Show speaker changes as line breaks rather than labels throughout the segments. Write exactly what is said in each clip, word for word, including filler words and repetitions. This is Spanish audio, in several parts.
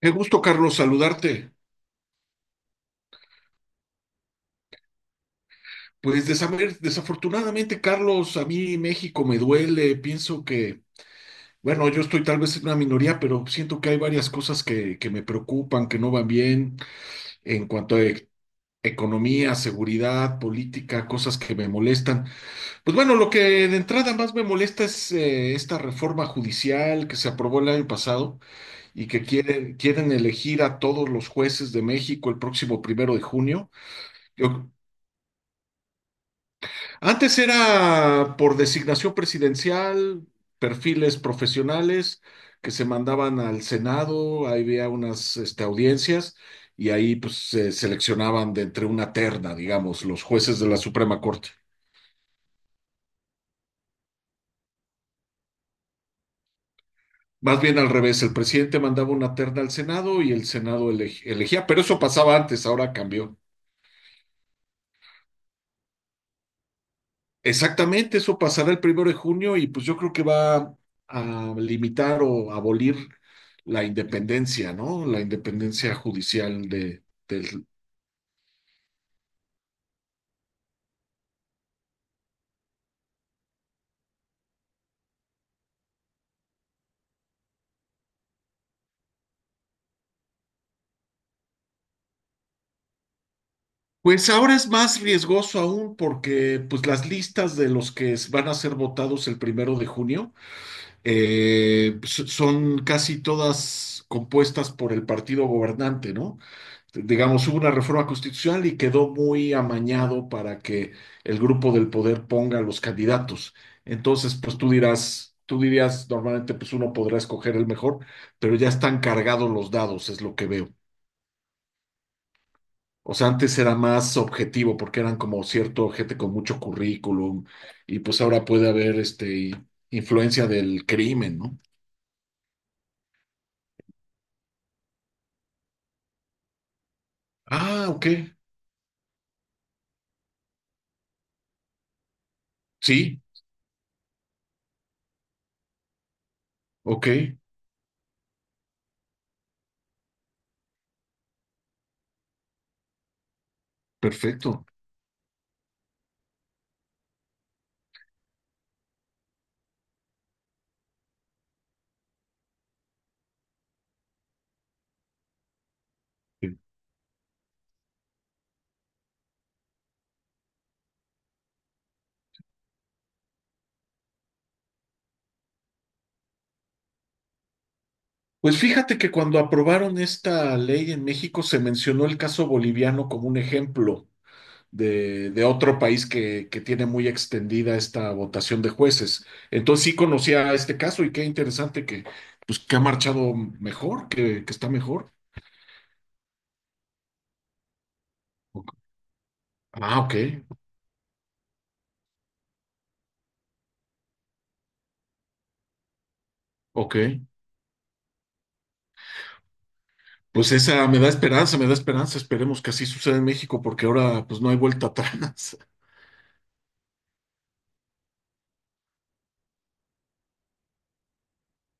Qué gusto, Carlos, saludarte. Pues desamer- desafortunadamente, Carlos, a mí México me duele. Pienso que, bueno, yo estoy tal vez en una minoría, pero siento que hay varias cosas que, que me preocupan, que no van bien en cuanto a e- economía, seguridad, política, cosas que me molestan. Pues bueno, lo que de entrada más me molesta es eh, esta reforma judicial que se aprobó el año pasado y que quieren, quieren elegir a todos los jueces de México el próximo primero de junio. Yo, Antes era por designación presidencial, perfiles profesionales que se mandaban al Senado, ahí había unas este, audiencias y ahí pues se seleccionaban de entre una terna, digamos, los jueces de la Suprema Corte. Más bien al revés, el presidente mandaba una terna al Senado y el Senado eleg- elegía, pero eso pasaba antes, ahora cambió. Exactamente, eso pasará el primero de junio y pues yo creo que va a limitar o abolir la independencia, ¿no? La independencia judicial de, del... Pues ahora es más riesgoso aún porque pues las listas de los que van a ser votados el primero de junio eh, so- son casi todas compuestas por el partido gobernante, ¿no? Digamos, hubo una reforma constitucional y quedó muy amañado para que el grupo del poder ponga los candidatos. Entonces, pues tú dirás, tú dirías, normalmente pues uno podrá escoger el mejor, pero ya están cargados los dados, es lo que veo. O sea, antes era más objetivo porque eran como cierto gente con mucho currículum y pues ahora puede haber este influencia del crimen, ¿no? Ah, ok. Sí, ok, perfecto. Pues fíjate que cuando aprobaron esta ley en México se mencionó el caso boliviano como un ejemplo de, de otro país que, que tiene muy extendida esta votación de jueces. Entonces sí conocía este caso y qué interesante que, pues, que ha marchado mejor, que, que está mejor. Ok. Ah, ok, ok. Pues esa me da esperanza, me da esperanza. Esperemos que así suceda en México porque ahora pues no hay vuelta atrás.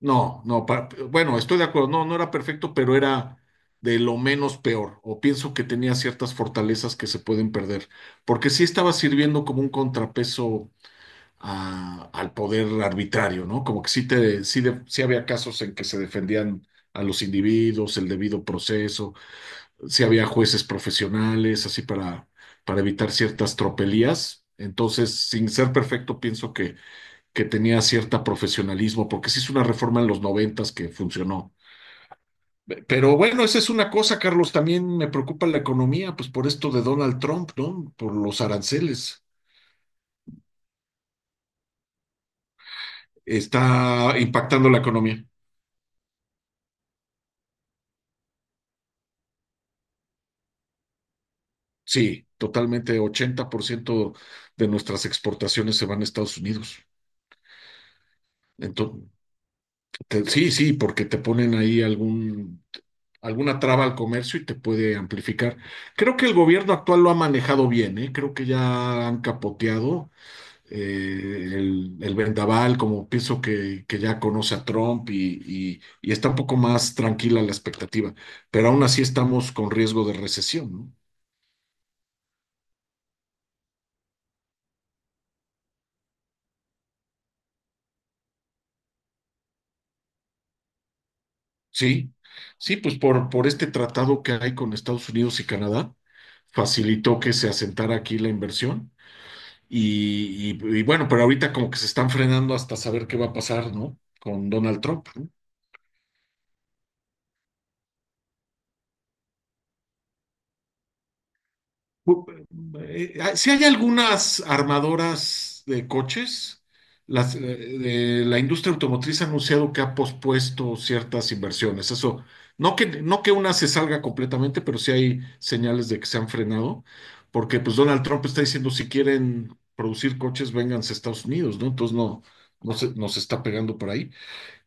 No, no, pa- bueno, estoy de acuerdo, no, no era perfecto, pero era de lo menos peor, o pienso que tenía ciertas fortalezas que se pueden perder, porque sí estaba sirviendo como un contrapeso a- al poder arbitrario, ¿no? Como que sí, te, sí, de- sí había casos en que se defendían a los individuos, el debido proceso, sí había jueces profesionales, así para, para evitar ciertas tropelías. Entonces, sin ser perfecto, pienso que que tenía cierto profesionalismo, porque se hizo una reforma en los noventas que funcionó. Pero bueno, esa es una cosa, Carlos, también me preocupa la economía, pues por esto de Donald Trump, ¿no? Por los aranceles. Está impactando la economía. Sí, totalmente, ochenta por ciento de nuestras exportaciones se van a Estados Unidos. Entonces, te- sí, sí, porque te ponen ahí algún, alguna traba al comercio y te puede amplificar. Creo que el gobierno actual lo ha manejado bien, ¿eh? Creo que ya han capoteado eh, el, el vendaval, como pienso que, que ya conoce a Trump y, y- y está un poco más tranquila la expectativa, pero aún así estamos con riesgo de recesión, ¿no? Sí, sí, pues por, por este tratado que hay con Estados Unidos y Canadá, facilitó que se asentara aquí la inversión y, y y bueno, pero ahorita como que se están frenando hasta saber qué va a pasar, ¿no? Con Donald Trump. ¿No? Si hay algunas armadoras de coches, las, eh, eh, la industria automotriz ha anunciado que ha pospuesto ciertas inversiones. Eso, no que, no que una se salga completamente, pero sí hay señales de que se han frenado, porque pues Donald Trump está diciendo si quieren producir coches, vénganse a Estados Unidos, ¿no? Entonces no, no se, nos está pegando por ahí.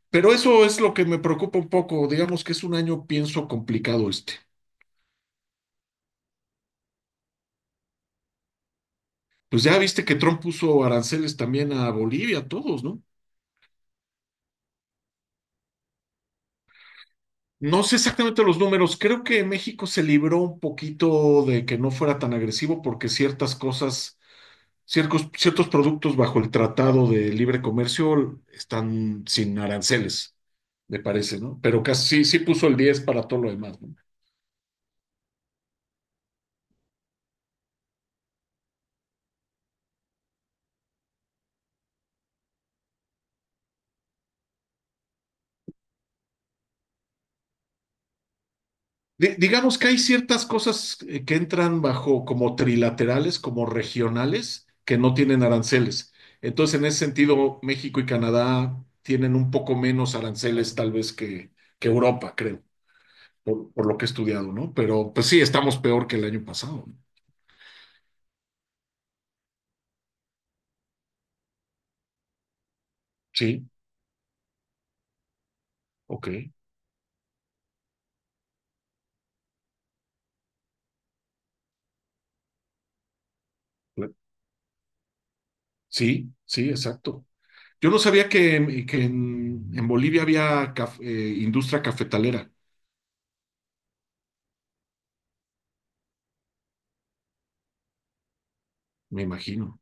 Pero eso es lo que me preocupa un poco. Digamos que es un año, pienso, complicado este. Pues ya viste que Trump puso aranceles también a Bolivia, a todos, ¿no? No sé exactamente los números, creo que México se libró un poquito de que no fuera tan agresivo porque ciertas cosas, ciertos, ciertos productos bajo el Tratado de Libre Comercio están sin aranceles, me parece, ¿no? Pero casi sí, sí puso el diez para todo lo demás, ¿no? Di- digamos que hay ciertas cosas eh, que entran bajo como trilaterales, como regionales, que no tienen aranceles. Entonces, en ese sentido, México y Canadá tienen un poco menos aranceles tal vez que, que Europa, creo, por, por lo que he estudiado, ¿no? Pero pues sí, estamos peor que el año pasado. ¿No? Sí, ok. Cla- Sí, sí, exacto. Yo no sabía que, en- que en, en Bolivia había caf- eh, industria cafetalera, me imagino.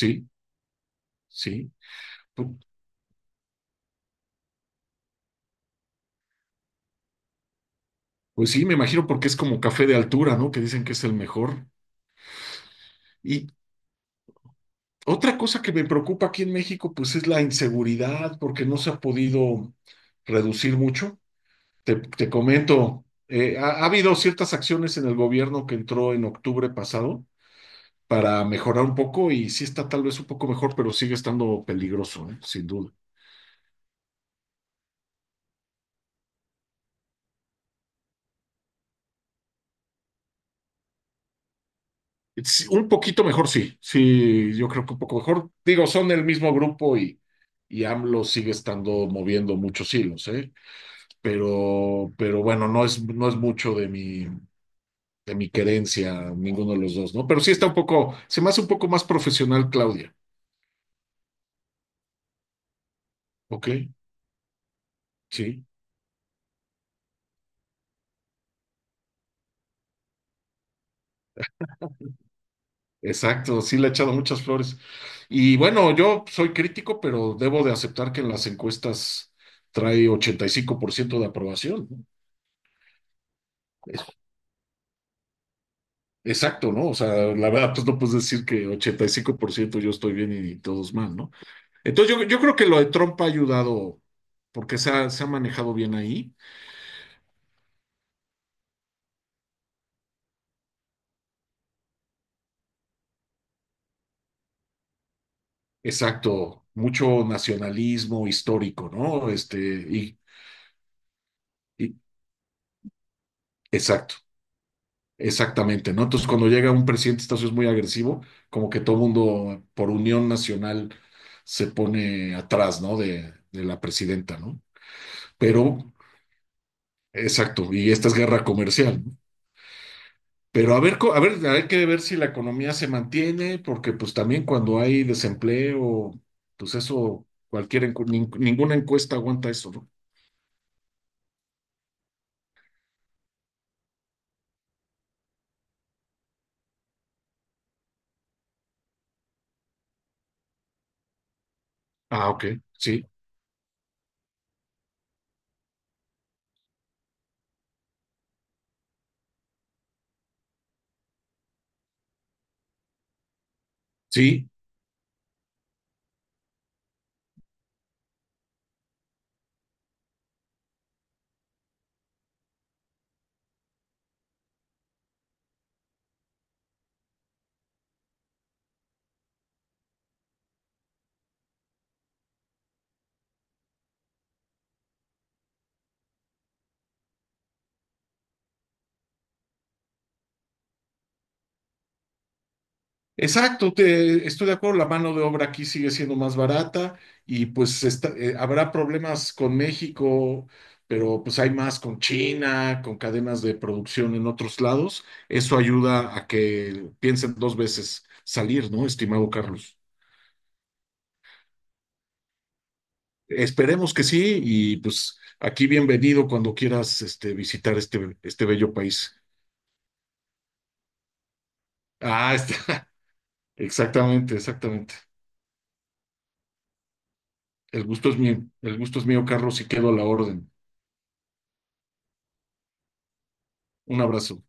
Sí, sí. Pues sí, me imagino porque es como café de altura, ¿no? Que dicen que es el mejor. Y otra cosa que me preocupa aquí en México, pues es la inseguridad, porque no se ha podido reducir mucho. Te, te comento, eh, ha, ha habido ciertas acciones en el gobierno que entró en octubre pasado para mejorar un poco y sí está tal vez un poco mejor, pero sigue estando peligroso, ¿eh? Sin duda. Sí, un poquito mejor, sí, sí, yo creo que un poco mejor. Digo, son el mismo grupo y, y AMLO sigue estando moviendo muchos hilos, ¿eh? pero, pero bueno, no es, no es mucho de mi, de mi querencia, ninguno de los dos, ¿no? Pero sí está un poco, se me hace un poco más profesional Claudia, ¿ok? Sí, exacto, sí le he echado muchas flores. Y bueno, yo soy crítico, pero debo de aceptar que en las encuestas trae ochenta y cinco por ciento de aprobación, ¿no? Exacto, ¿no? O sea, la verdad, pues no puedes decir que ochenta y cinco por ciento yo estoy bien y todos mal, ¿no? Entonces yo, yo creo que lo de Trump ha ayudado porque se ha, se ha manejado bien ahí. Exacto, mucho nacionalismo histórico, ¿no? Este, y, y- exacto, exactamente, ¿no? Entonces, cuando llega un presidente de Estados Unidos muy agresivo, como que todo mundo por unión nacional se pone atrás, ¿no? De, de la presidenta, ¿no? Pero, exacto, y esta es guerra comercial, ¿no? Pero a ver, co- a ver, hay que ver si la economía se mantiene, porque pues también cuando hay desempleo, pues eso, cualquier, encu- nin- ninguna encuesta aguanta eso, ¿no? Ah, ok, sí. Sí, exacto, te- estoy de acuerdo, la mano de obra aquí sigue siendo más barata y pues está- eh, habrá problemas con México, pero pues hay más con China, con cadenas de producción en otros lados. Eso ayuda a que piensen dos veces salir, ¿no, estimado Carlos? Esperemos que sí y pues aquí bienvenido cuando quieras este, visitar este, este bello país. Ah, está. Exactamente, exactamente. El gusto es mío, el gusto es mío, Carlos, y quedo a la orden. Un abrazo.